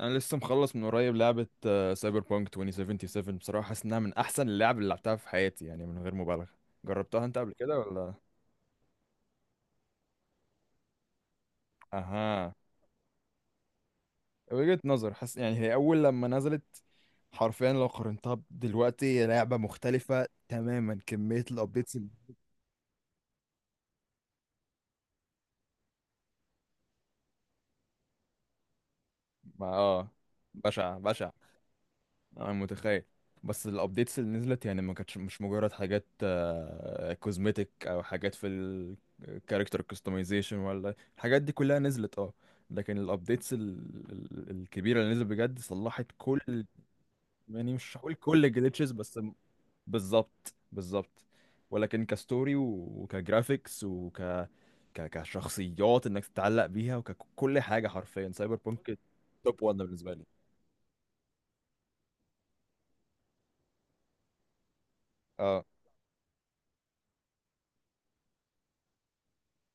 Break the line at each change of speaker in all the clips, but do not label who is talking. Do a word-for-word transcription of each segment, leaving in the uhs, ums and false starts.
انا لسه مخلص من قريب لعبه سايبر بانك ألفين وسبعه وسبعين، بصراحه حاسس انها من احسن اللعب اللي لعبتها في حياتي يعني من غير مبالغه. جربتها انت قبل كده ولا؟ اها. وجهه نظر، حاسس يعني هي اول لما نزلت. حرفيا لو قارنتها دلوقتي هي لعبه مختلفه تماما. كميه الابديتس الم- ما اه بشعه بشعه. انا متخيل. بس الابديتس اللي نزلت يعني ما كانتش مش مجرد حاجات كوزمتيك او حاجات في الكاركتر كاستمايزيشن ولا الحاجات دي كلها نزلت، اه. لكن الابديتس ال- ال- الكبيره اللي نزلت بجد صلحت كل، يعني مش هقول كل الجلitches، بس م- بالظبط بالظبط. ولكن كستوري و- وكجرافيكس وك ك... كشخصيات انك تتعلق بيها وككل حاجه. حرفيا سايبر بونك توب واحد بالنسبه لي، اه.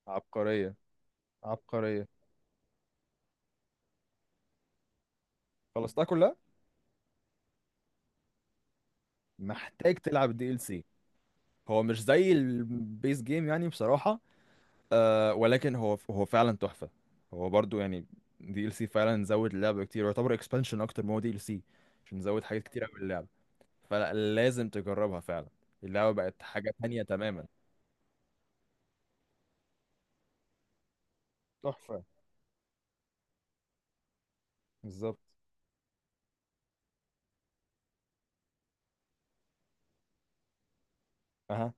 عبقريه عبقريه. خلصتها كلها. محتاج تلعب الدي ال سي. هو مش زي البيس جيم يعني بصراحة. آه، ولكن هو هو فعلا تحفة. هو برضو يعني دي ال سي فعلا زود اللعبة كتير، ويعتبر اكسبانشن اكتر ما هو دي ال سي، عشان زود حاجات كتير قوي اللعبة. فلازم تجربها فعلا. اللعبة بقت حاجة تانية تماما. تحفة. بالظبط. أها.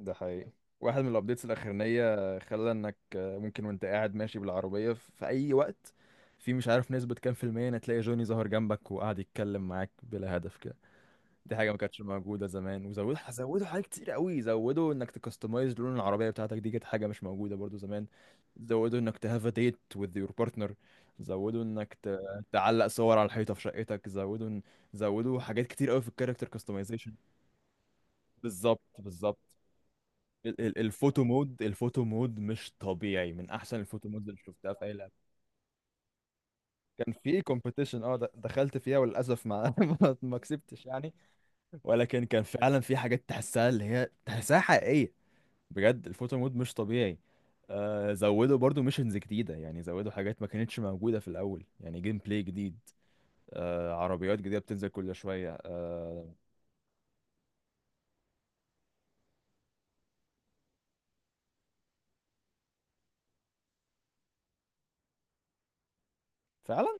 ده حقيقي. واحد من الابديتس الاخرانيه خلى انك، آه، ممكن وانت قاعد ماشي بالعربيه في في اي وقت، في مش عارف نسبه كام في المية إن تلاقي جوني ظهر جنبك وقاعد يتكلم معاك بلا هدف كده. دي حاجه ما كانتش موجوده زمان، وزودوا زودوا حاجات كتير قوي، زودوا انك تكستمايز لون العربيه بتاعتك. دي كانت حاجه مش موجوده برضو زمان. زودوا انك تهاف ديت وذ يور بارتنر. زودوا انك ت... تعلق صور على الحيطه في شقتك. زودوا زودوا حاجات كتير قوي في الكاركتر كاستمايزيشن. بالظبط بالظبط. ال- ال- الفوتو مود، الفوتو مود مش طبيعي. من احسن الفوتو مود اللي شفتها في اي لعبه. كان في كومبيتيشن، اه د- دخلت فيها، وللاسف ما ما ما كسبتش يعني. ولكن كان فعلا في حاجات تحسها، اللي هي تحسها حقيقيه. بجد الفوتو مود مش طبيعي. آه، زودوا برضو ميشنز جديده، يعني زودوا حاجات ما كانتش موجوده في الاول يعني جيم بلاي جديد. آه، عربيات جديده بتنزل كل شويه، آه. فعلا.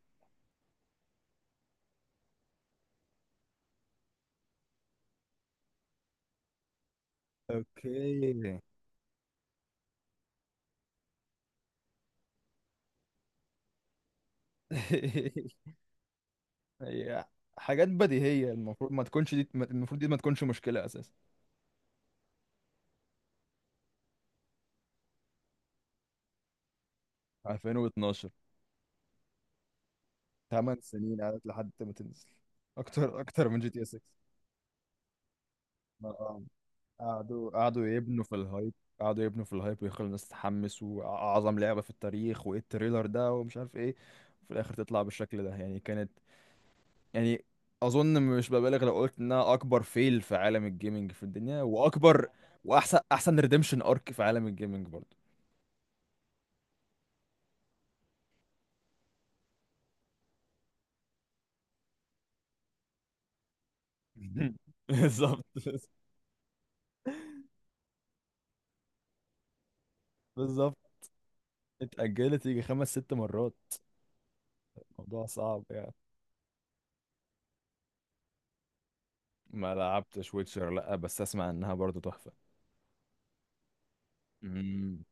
اوكي. هي حاجات بديهية، المفروض ما تكونش دي. المفروض دي ما تكونش مشكلة أساسا. ألفين واتناشر. تمنية سنين قعدت لحد ما تنزل. أكتر، أكتر من جي تي اس ستة. آه. قعدوا قعدوا يبنوا في الهايب، قعدوا يبنوا في الهايب ويخلوا الناس تتحمس، وأعظم لعبة في التاريخ وإيه التريلر ده ومش عارف إيه. وفي الآخر تطلع بالشكل ده، يعني كانت، يعني أظن مش ببالغ لو قلت إنها أكبر فيل في عالم الجيمنج في الدنيا، وأكبر وأحسن، أحسن ريديمشن أرك في عالم الجيمنج برضه. بالظبط بالظبط. اتأجلت يجي خمس ست مرات. الموضوع صعب يعني. ما لعبتش ويتشر، لا بس اسمع انها برضو تحفة. امم.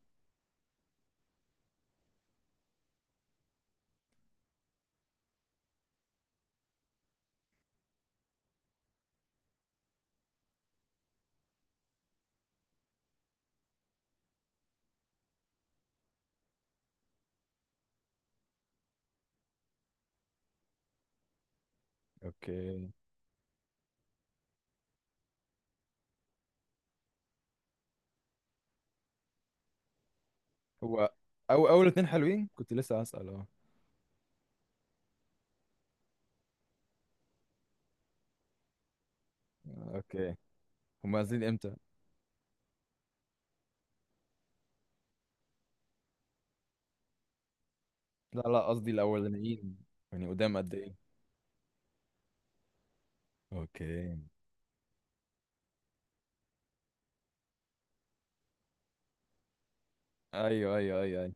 اوكي. هو او اول اتنين حلوين، كنت لسه هسأل، اه. اوكي. هما نازلين امتى؟ لا لا، قصدي الاولانيين، يعني قدام قد ايه. اوكي. ايوه ايوه ايوه ايوه.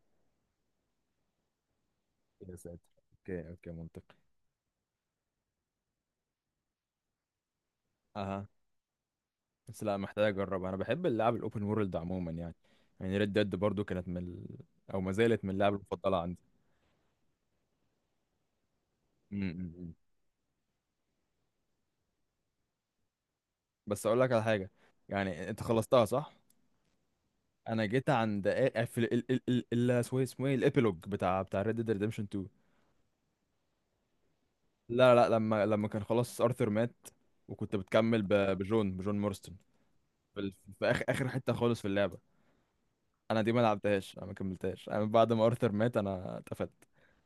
يا ساتر. اوكي اوكي منطقي. اها. بس لا، محتاج اجرب. انا بحب اللعب الاوبن وورلد عموما يعني. يعني ريد ديد برضو كانت من ال... او ما زالت من اللعب المفضلة عندي. بس اقول لك على حاجه، يعني انت خلصتها صح؟ انا جيت عند آ- في ال ال ال ال اسمه ايه اسمه ايه الابيلوج بتاع بتاع ريد ديد ريدمشن اتنين. لا لا، لما لما كان خلاص ارثر مات، وكنت بتكمل ب- بجون بجون مورستون في، ال- في اخر اخر حته خالص في اللعبه. انا دي ما لعبتهاش، انا ما كملتهاش، انا بعد ما ارثر مات انا اتقفلت.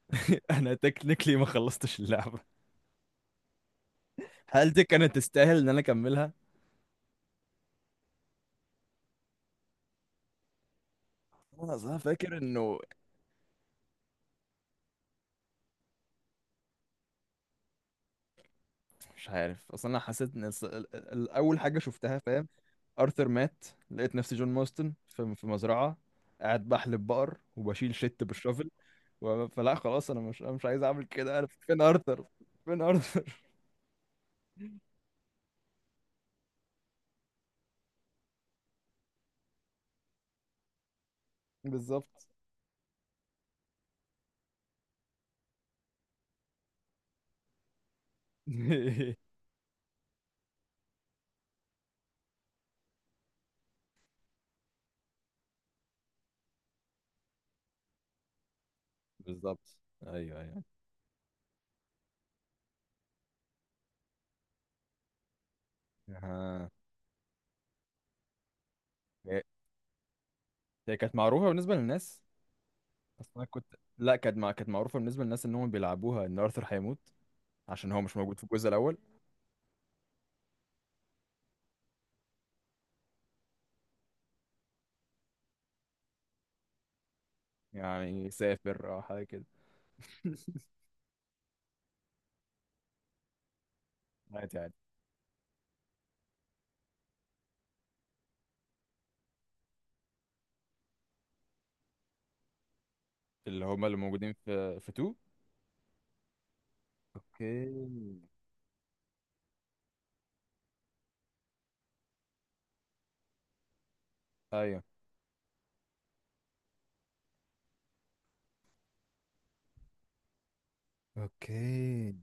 انا تكنيكلي ما خلصتش اللعبه. هل دي كانت تستاهل ان انا اكملها؟ انا أصل أنا فاكر انه مش عارف. اصل انا حسيت ان الص- ال- ال- اول حاجه شفتها، فاهم، ارثر مات. لقيت نفسي جون ماستن في في مزرعه قاعد بحلب بقر وبشيل شت بالشفل. و- فلا خلاص، انا مش، أنا مش عايز اعمل كده. انا فين ارثر؟ فين ارثر؟ بالظبط. بالظبط. ايوه ايوه. آه. هي هي كانت معروفه بالنسبه للناس. اصل انا كنت، لا، كانت مع... كانت معروفه بالنسبه للناس ان هم بيلعبوها ان ارثر هيموت عشان هو مش موجود في الجزء الاول. يعني سافر او حاجه كده. عادي عادي. اللي هما اللي موجودين في في تو. اوكي. ايوه. اوكي.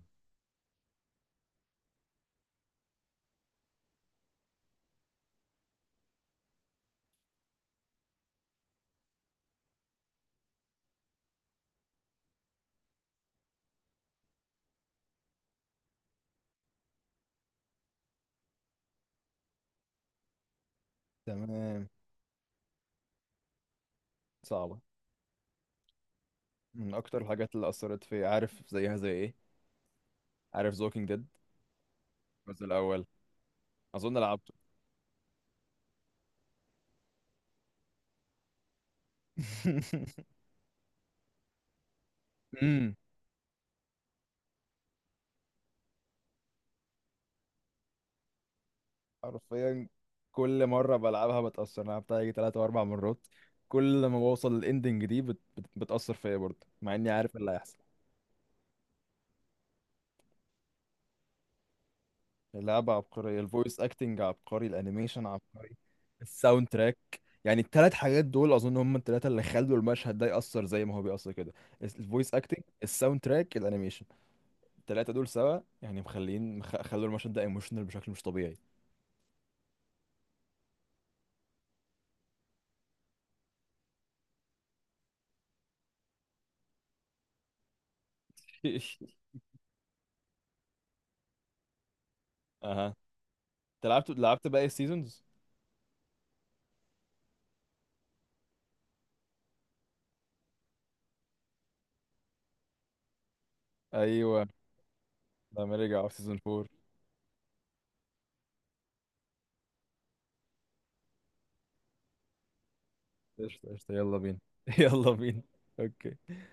تمام. صعبة. من أكتر الحاجات اللي أثرت فيا، عارف زيها زي إيه؟ عارف The Walking Dead الجزء الأول؟ أظن لعبته. امم. حرفيا كل مرة بلعبها بتأثر. أنا لعبتها يجي تلات أو أربع مرات. كل ما بوصل للإندنج دي بت... بت... بتأثر فيا برضه، مع إني عارف إيه اللي هيحصل. اللعبة عبقرية، الفويس اكتنج عبقري، الانيميشن عبقري، الساوند تراك. يعني التلات حاجات دول اظن هم التلاتة اللي خلوا المشهد ده يأثر زي ما هو بيأثر كده. الفويس اكتنج، الساوند تراك، الانيميشن، التلاتة دول سوا، يعني مخلين مخ... خلوا المشهد ده ايموشنال بشكل مش طبيعي. اها. انت لعبت لعبت باقي السيزونز؟ ايوه. لما رجع في سيزون فور. قشطة قشطة، يلا بينا. يلا بينا. اوكي.